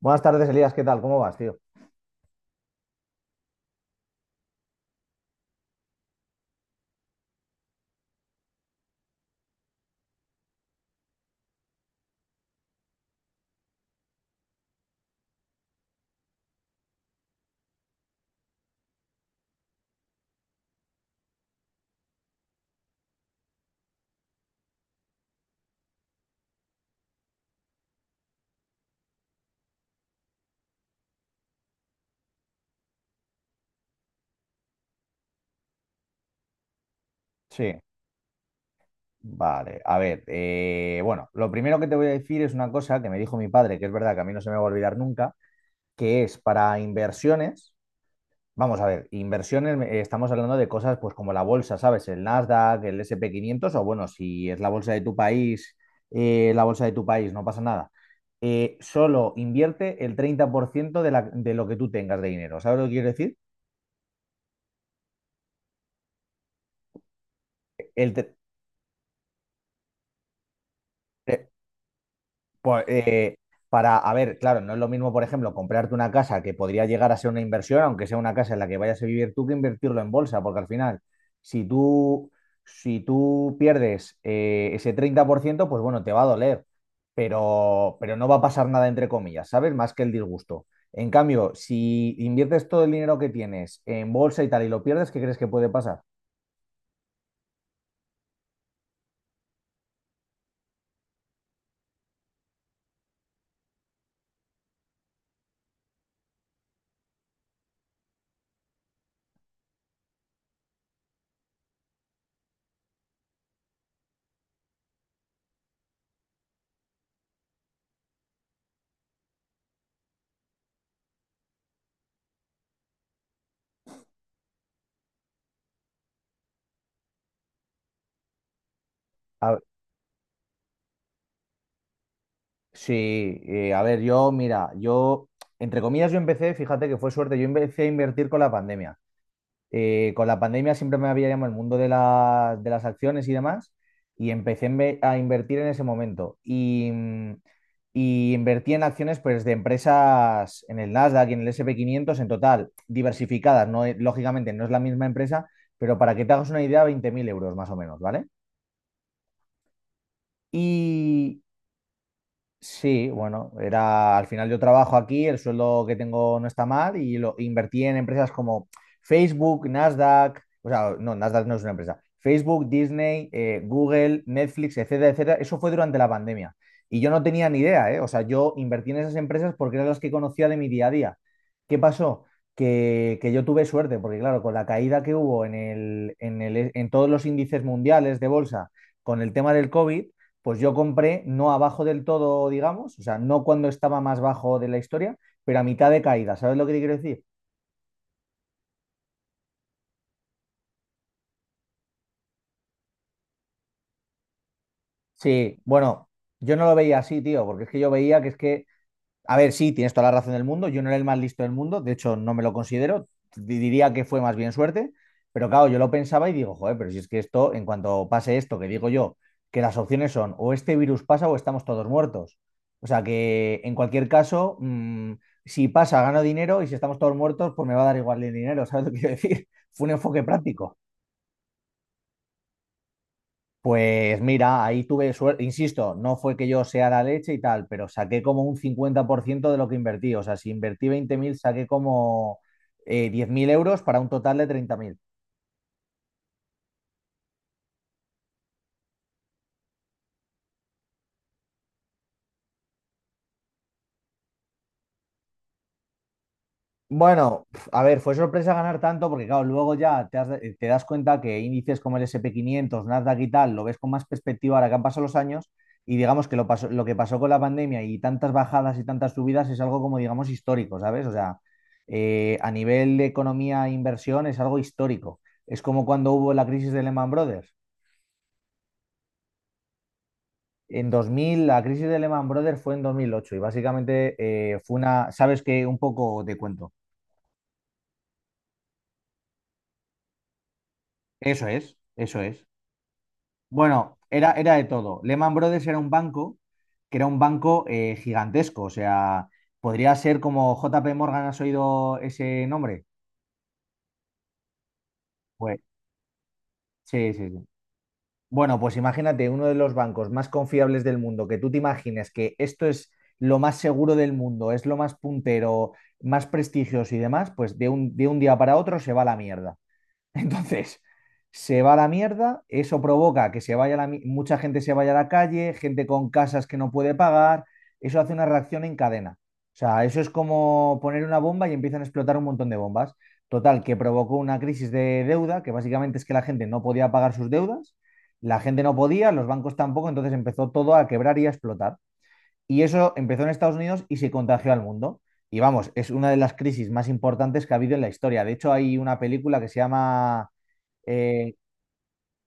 Buenas tardes, Elías, ¿qué tal? ¿Cómo vas, tío? Sí, vale. A ver, lo primero que te voy a decir es una cosa que me dijo mi padre, que es verdad que a mí no se me va a olvidar nunca, que es para inversiones, vamos a ver, inversiones, estamos hablando de cosas pues como la bolsa, ¿sabes? El Nasdaq, el S&P 500 o bueno, si es la bolsa de tu país, la bolsa de tu país, no pasa nada. Solo invierte el 30% de lo que tú tengas de dinero, ¿sabes lo que quiero decir? El, tre- eh, Pues, para, a ver, claro, no es lo mismo, por ejemplo, comprarte una casa que podría llegar a ser una inversión, aunque sea una casa en la que vayas a vivir tú, que invertirlo en bolsa, porque al final, si tú, si tú pierdes ese 30%, pues bueno, te va a doler, pero no va a pasar nada, entre comillas, ¿sabes? Más que el disgusto. En cambio, si inviertes todo el dinero que tienes en bolsa y tal y lo pierdes, ¿qué crees que puede pasar? Sí, a ver, mira, yo, entre comillas, yo empecé, fíjate que fue suerte, yo empecé a invertir con la pandemia. Con la pandemia siempre me había llamado el mundo de las acciones y demás, y empecé a invertir en ese momento. Y, y invertí en acciones pues, de empresas en el Nasdaq y en el S&P 500, en total, diversificadas, no. Lógicamente no es la misma empresa, pero para que te hagas una idea, 20.000 euros más o menos, ¿vale? Sí, bueno, era, al final yo trabajo aquí, el sueldo que tengo no está mal y lo invertí en empresas como Facebook, Nasdaq, o sea, no, Nasdaq no es una empresa, Facebook, Disney, Google, Netflix, etcétera, etcétera. Eso fue durante la pandemia y yo no tenía ni idea, ¿eh? O sea, yo invertí en esas empresas porque eran las que conocía de mi día a día. ¿Qué pasó? Que yo tuve suerte, porque claro, con la caída que hubo en todos los índices mundiales de bolsa, con el tema del COVID pues yo compré no abajo del todo, digamos, o sea, no cuando estaba más bajo de la historia, pero a mitad de caída. ¿Sabes lo que te quiero decir? Sí, bueno, yo no lo veía así, tío, porque es que yo veía que es que... A ver, sí, tienes toda la razón del mundo. Yo no era el más listo del mundo, de hecho, no me lo considero. Diría que fue más bien suerte, pero claro, yo lo pensaba y digo, joder, pero si es que esto, en cuanto pase esto, que digo yo, que las opciones son o este virus pasa o estamos todos muertos. O sea que en cualquier caso, si pasa, gano dinero y si estamos todos muertos, pues me va a dar igual el dinero, ¿sabes lo que quiero decir? Fue un enfoque práctico. Pues mira, ahí tuve suerte, insisto, no fue que yo sea la leche y tal, pero saqué como un 50% de lo que invertí. O sea, si invertí 20.000, saqué como 10.000 euros para un total de 30.000. Bueno, pf, a ver, fue sorpresa ganar tanto porque, claro, luego ya te das cuenta que índices como el S&P 500, Nasdaq y tal, lo ves con más perspectiva ahora que han pasado los años y digamos que lo que pasó con la pandemia y tantas bajadas y tantas subidas es algo como, digamos, histórico, ¿sabes? O sea, a nivel de economía e inversión es algo histórico. Es como cuando hubo la crisis de Lehman Brothers. En 2000, la crisis de Lehman Brothers fue en 2008 y básicamente fue una, ¿sabes qué? Un poco te cuento. Eso es, eso es. Bueno, era de todo. Lehman Brothers era un banco gigantesco, o sea, podría ser como JP Morgan, ¿has oído ese nombre? Pues sí, sí, sí. Bueno, pues imagínate uno de los bancos más confiables del mundo, que tú te imagines que esto es lo más seguro del mundo, es lo más puntero, más prestigioso y demás, pues de un día para otro se va a la mierda. Entonces, se va a la mierda, eso provoca que se vaya la mi- mucha gente se vaya a la calle, gente con casas que no puede pagar, eso hace una reacción en cadena. O sea, eso es como poner una bomba y empiezan a explotar un montón de bombas. Total, que provocó una crisis de deuda, que básicamente es que la gente no podía pagar sus deudas, la gente no podía, los bancos tampoco, entonces empezó todo a quebrar y a explotar. Y eso empezó en Estados Unidos y se contagió al mundo. Y vamos, es una de las crisis más importantes que ha habido en la historia. De hecho, hay una película que se llama... eh,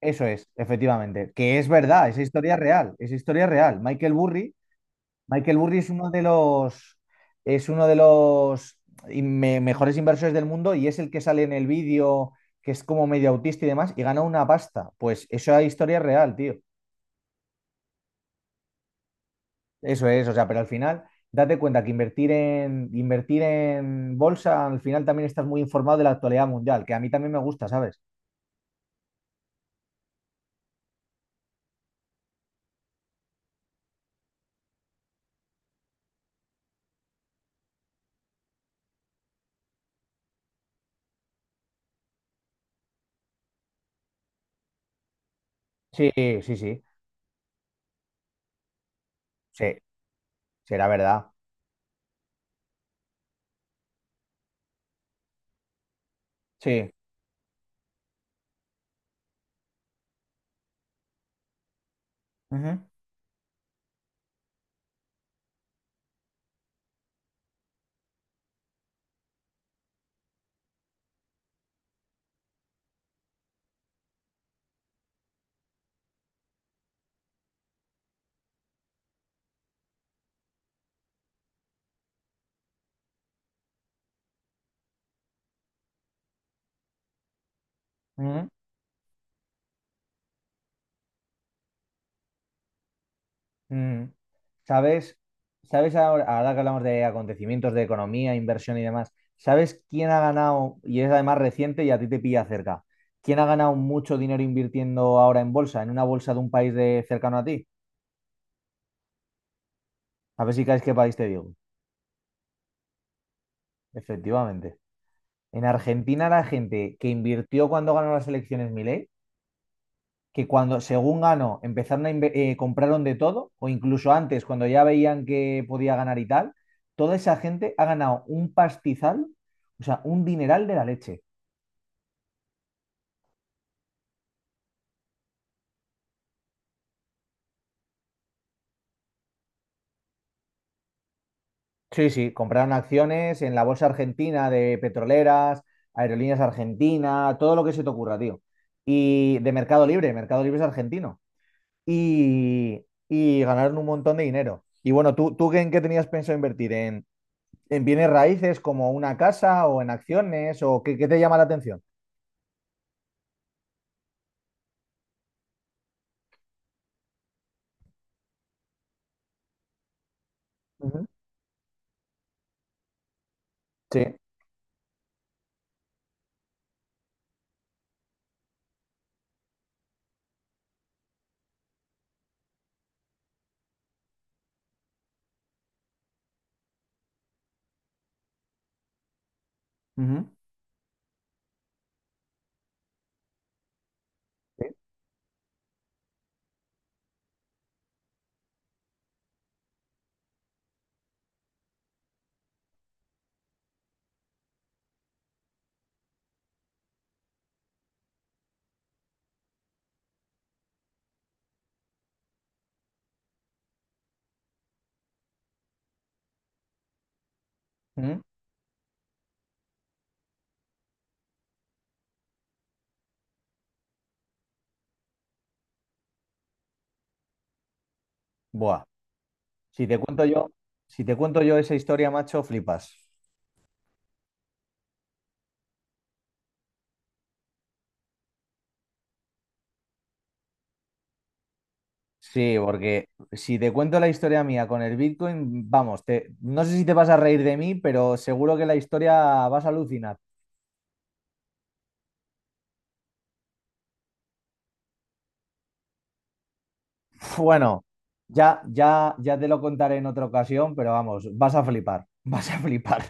eso es, efectivamente, que es verdad, esa historia es real, esa historia es real. Michael Burry, es uno de los, es uno de los mejores inversores del mundo y es el que sale en el vídeo, que es como medio autista y demás, y gana una pasta. Pues esa historia es real, tío. Eso es, o sea, pero al final, date cuenta que invertir en bolsa, al final también estás muy informado de la actualidad mundial, que a mí también me gusta, ¿sabes? Sí, sí, sí, sí, será verdad. Sí. Ujú, ujú, ujú. ¿Sabes? ¿Sabes ahora que hablamos de acontecimientos de economía, inversión y demás? ¿Sabes quién ha ganado, y es además reciente y a ti te pilla cerca, quién ha ganado mucho dinero invirtiendo ahora en bolsa, en una bolsa de un país de cercano a ti? A ver si caes qué país te digo. Efectivamente. En Argentina la gente que invirtió cuando ganó las elecciones Milei, que cuando según ganó empezaron a compraron de todo, o incluso antes cuando ya veían que podía ganar y tal, toda esa gente ha ganado un pastizal, o sea, un dineral de la leche. Sí, sí, compraron acciones en la bolsa argentina de petroleras, aerolíneas argentinas, todo lo que se te ocurra, tío. Y de Mercado Libre, Mercado Libre es argentino. Y ganaron un montón de dinero. Y bueno, tú en qué tenías pensado invertir? En bienes raíces como una casa o en acciones o qué te llama la atención? Ujú. Sí. Ujú. Sí. Ujú. Buah. Si te cuento yo, si te cuento yo esa historia, macho, flipas. Sí, porque si te cuento la historia mía con el Bitcoin, vamos, no sé si te vas a reír de mí, pero seguro que la historia vas a alucinar. Bueno, ya te lo contaré en otra ocasión, pero vamos, vas a flipar, vas a flipar.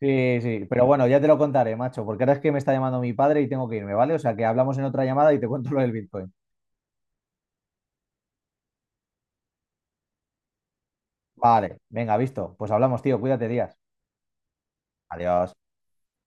Sí, sí, pero bueno, ya te lo contaré, macho, porque ahora es que me está llamando mi padre y tengo que irme, ¿vale? O sea que hablamos en otra llamada y te cuento lo del Bitcoin. Vale, venga, visto. Pues hablamos, tío, cuídate, días. Adiós.